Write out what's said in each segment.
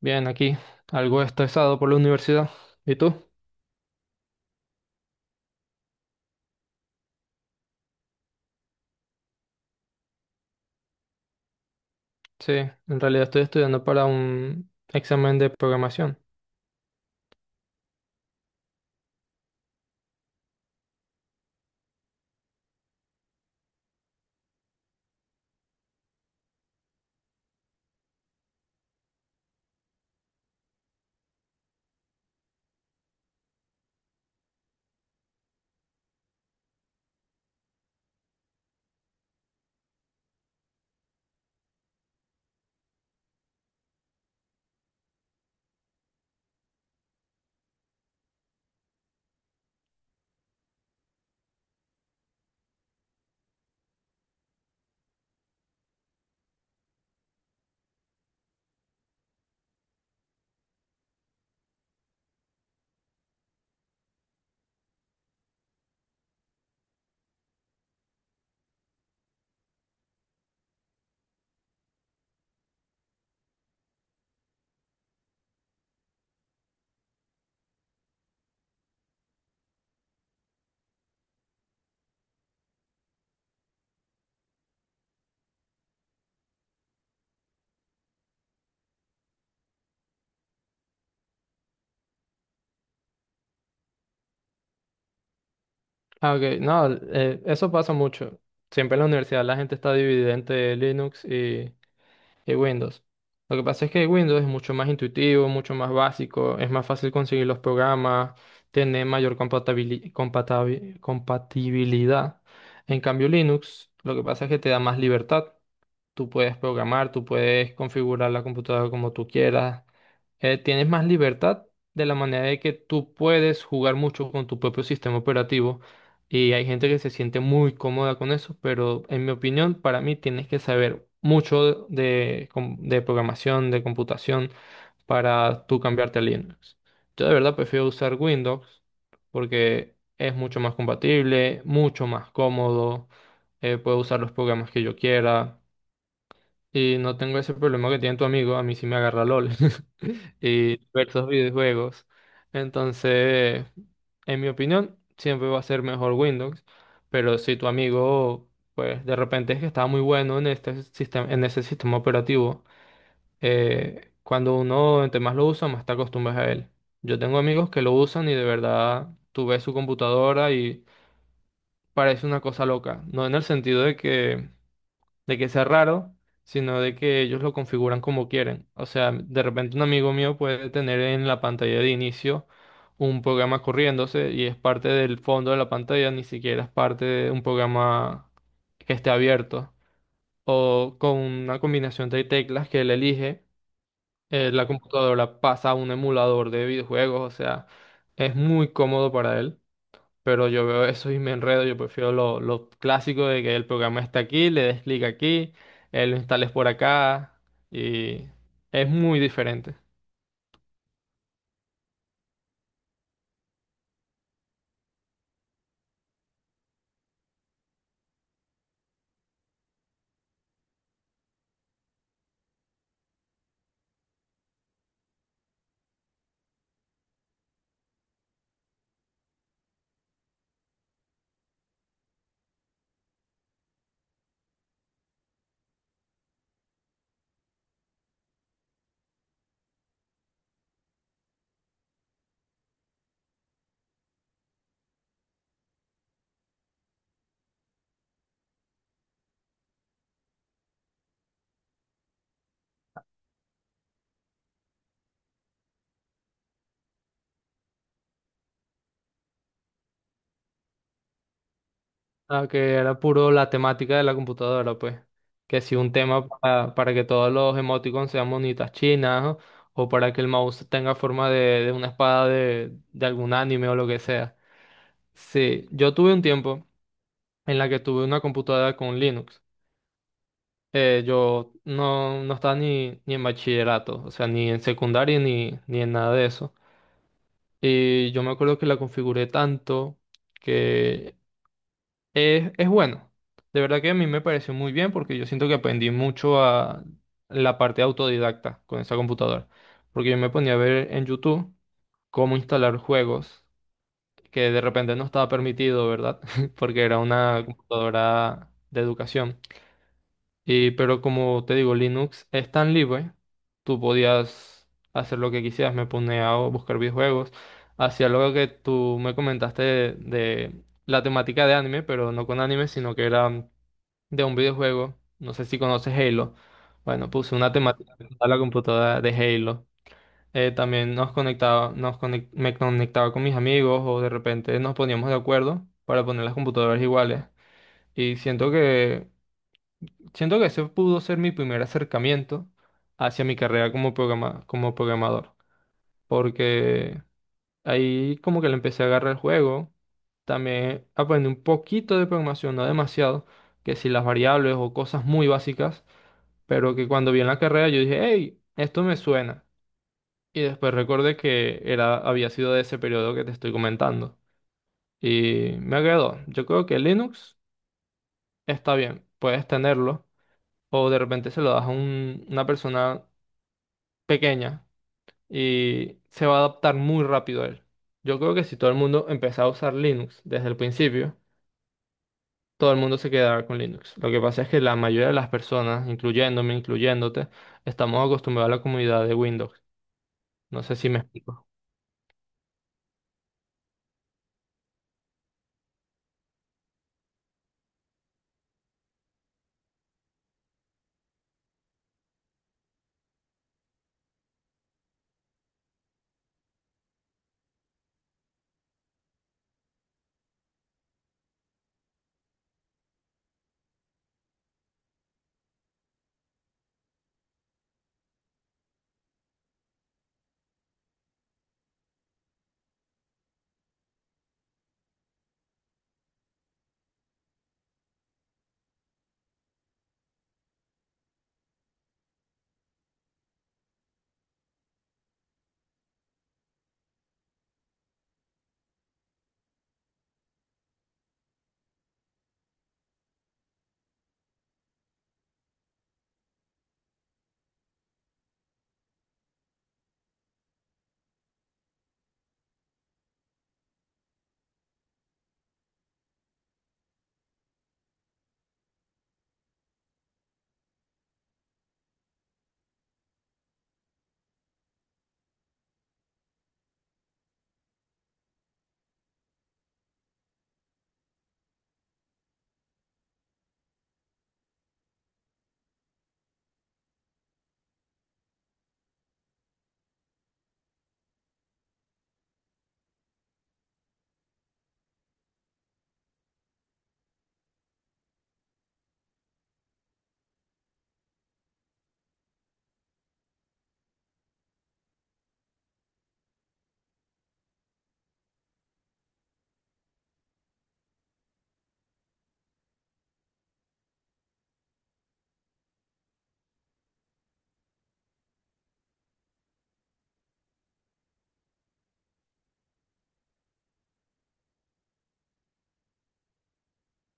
Bien, aquí algo estresado por la universidad. ¿Y tú? Sí, en realidad estoy estudiando para un examen de programación. Ah, ok, no, eso pasa mucho. Siempre en la universidad la gente está dividida entre Linux y Windows. Lo que pasa es que Windows es mucho más intuitivo, mucho más básico, es más fácil conseguir los programas, tiene mayor compatibilidad. En cambio, Linux, lo que pasa es que te da más libertad. Tú puedes programar, tú puedes configurar la computadora como tú quieras. Tienes más libertad de la manera de que tú puedes jugar mucho con tu propio sistema operativo, y hay gente que se siente muy cómoda con eso, pero en mi opinión, para mí tienes que saber mucho de programación, de computación para tú cambiarte a Linux. Yo de verdad prefiero usar Windows porque es mucho más compatible, mucho más cómodo, puedo usar los programas que yo quiera. Y no tengo ese problema que tiene tu amigo, a mí sí me agarra LOL y diversos videojuegos. Entonces, en mi opinión, siempre va a ser mejor Windows, pero si tu amigo, pues de repente es que está muy bueno en este sistema, en ese sistema operativo, cuando uno entre más lo usa, más te acostumbras a él. Yo tengo amigos que lo usan y de verdad tú ves su computadora y parece una cosa loca, no en el sentido de que sea raro, sino de que ellos lo configuran como quieren. O sea, de repente un amigo mío puede tener en la pantalla de inicio un programa corriéndose y es parte del fondo de la pantalla, ni siquiera es parte de un programa que esté abierto. O con una combinación de teclas que él elige, la computadora pasa a un emulador de videojuegos, o sea, es muy cómodo para él, pero yo veo eso y me enredo. Yo prefiero lo clásico de que el programa está aquí, le des clic aquí, lo instales por acá y es muy diferente. Ah, que era puro la temática de la computadora, pues. Que si un tema para que todos los emoticons sean monitas chinas, ¿no? O para que el mouse tenga forma de una espada de algún anime o lo que sea. Sí, yo tuve un tiempo en la que tuve una computadora con Linux. Yo no, no estaba ni en bachillerato, o sea, ni en secundaria ni en nada de eso. Y yo me acuerdo que la configuré tanto que es bueno. De verdad que a mí me pareció muy bien porque yo siento que aprendí mucho a la parte autodidacta con esa computadora. Porque yo me ponía a ver en YouTube cómo instalar juegos que de repente no estaba permitido, ¿verdad? Porque era una computadora de educación. Y, pero como te digo, Linux es tan libre, tú podías hacer lo que quisieras, me ponía a buscar videojuegos, hacía lo que tú me comentaste de la temática de anime, pero no con anime, sino que era de un videojuego, no sé si conoces Halo, bueno, puse una temática a la computadora de Halo. También nos conectaba, me conectaba con mis amigos o de repente nos poníamos de acuerdo para poner las computadoras iguales y siento que... Siento que ese pudo ser mi primer acercamiento hacia mi carrera como programador, porque ahí como que le empecé a agarrar el juego, también aprendí un poquito de programación, no demasiado, que si las variables o cosas muy básicas, pero que cuando vi en la carrera yo dije, hey, esto me suena. Y después recordé que era, había sido de ese periodo que te estoy comentando. Y me agradó. Yo creo que Linux está bien, puedes tenerlo. O de repente se lo das a una persona pequeña y se va a adaptar muy rápido a él. Yo creo que si todo el mundo empezara a usar Linux desde el principio, todo el mundo se quedará con Linux. Lo que pasa es que la mayoría de las personas, incluyéndome, incluyéndote, estamos acostumbrados a la comunidad de Windows. No sé si me explico.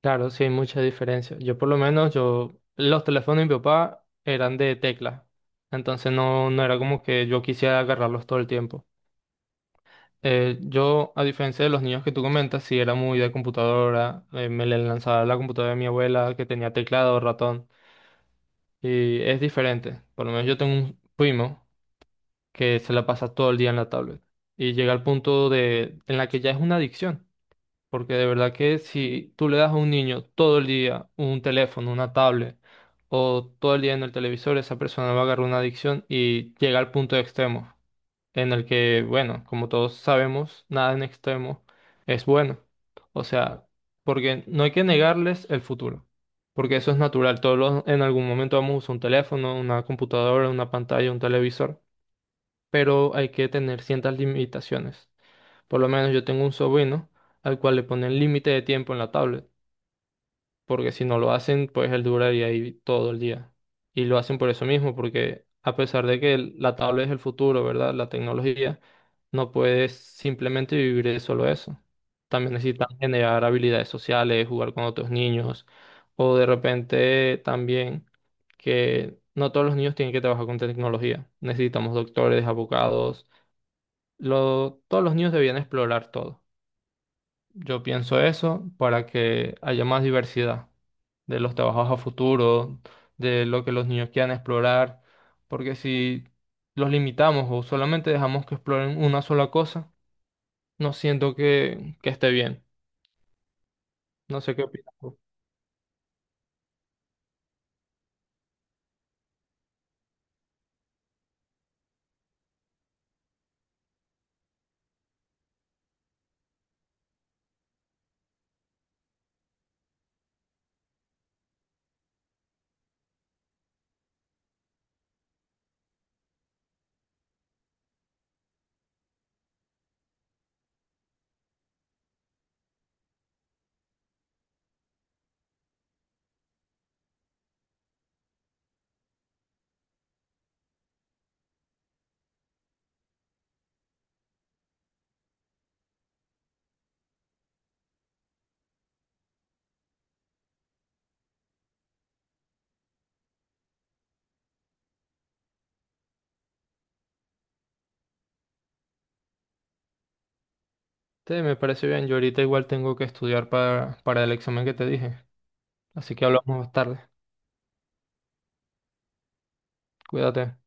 Claro, sí hay mucha diferencia. Yo por lo menos, yo, los teléfonos de mi papá eran de tecla. Entonces no era como que yo quisiera agarrarlos todo el tiempo. Yo, a diferencia de los niños que tú comentas, sí era muy de computadora, me le lanzaba la computadora de mi abuela que tenía teclado, ratón, y es diferente. Por lo menos yo tengo un primo que se la pasa todo el día en la tablet y llega al punto de en la que ya es una adicción, porque de verdad que si tú le das a un niño todo el día un teléfono, una tablet o todo el día en el televisor, esa persona va a agarrar una adicción y llega al punto extremo en el que, bueno, como todos sabemos, nada en extremo es bueno. O sea, porque no hay que negarles el futuro, porque eso es natural. En algún momento vamos a usar un teléfono, una computadora, una pantalla, un televisor, pero hay que tener ciertas limitaciones. Por lo menos yo tengo un sobrino al cual le ponen límite de tiempo en la tablet porque si no lo hacen, pues él duraría ahí todo el día. Y lo hacen por eso mismo, porque a pesar de que la tablet es el futuro, ¿verdad? La tecnología, no puedes simplemente vivir de solo eso. También necesitan generar habilidades sociales, jugar con otros niños, o de repente también que no todos los niños tienen que trabajar con tecnología. Necesitamos doctores, abogados, todos los niños debían explorar todo. Yo pienso eso para que haya más diversidad de los trabajos a futuro, de lo que los niños quieran explorar, porque si los limitamos o solamente dejamos que exploren una sola cosa, no siento que esté bien. No sé qué opinas tú. Sí, me parece bien. Yo ahorita igual tengo que estudiar para el examen que te dije, así que hablamos más tarde. Cuídate.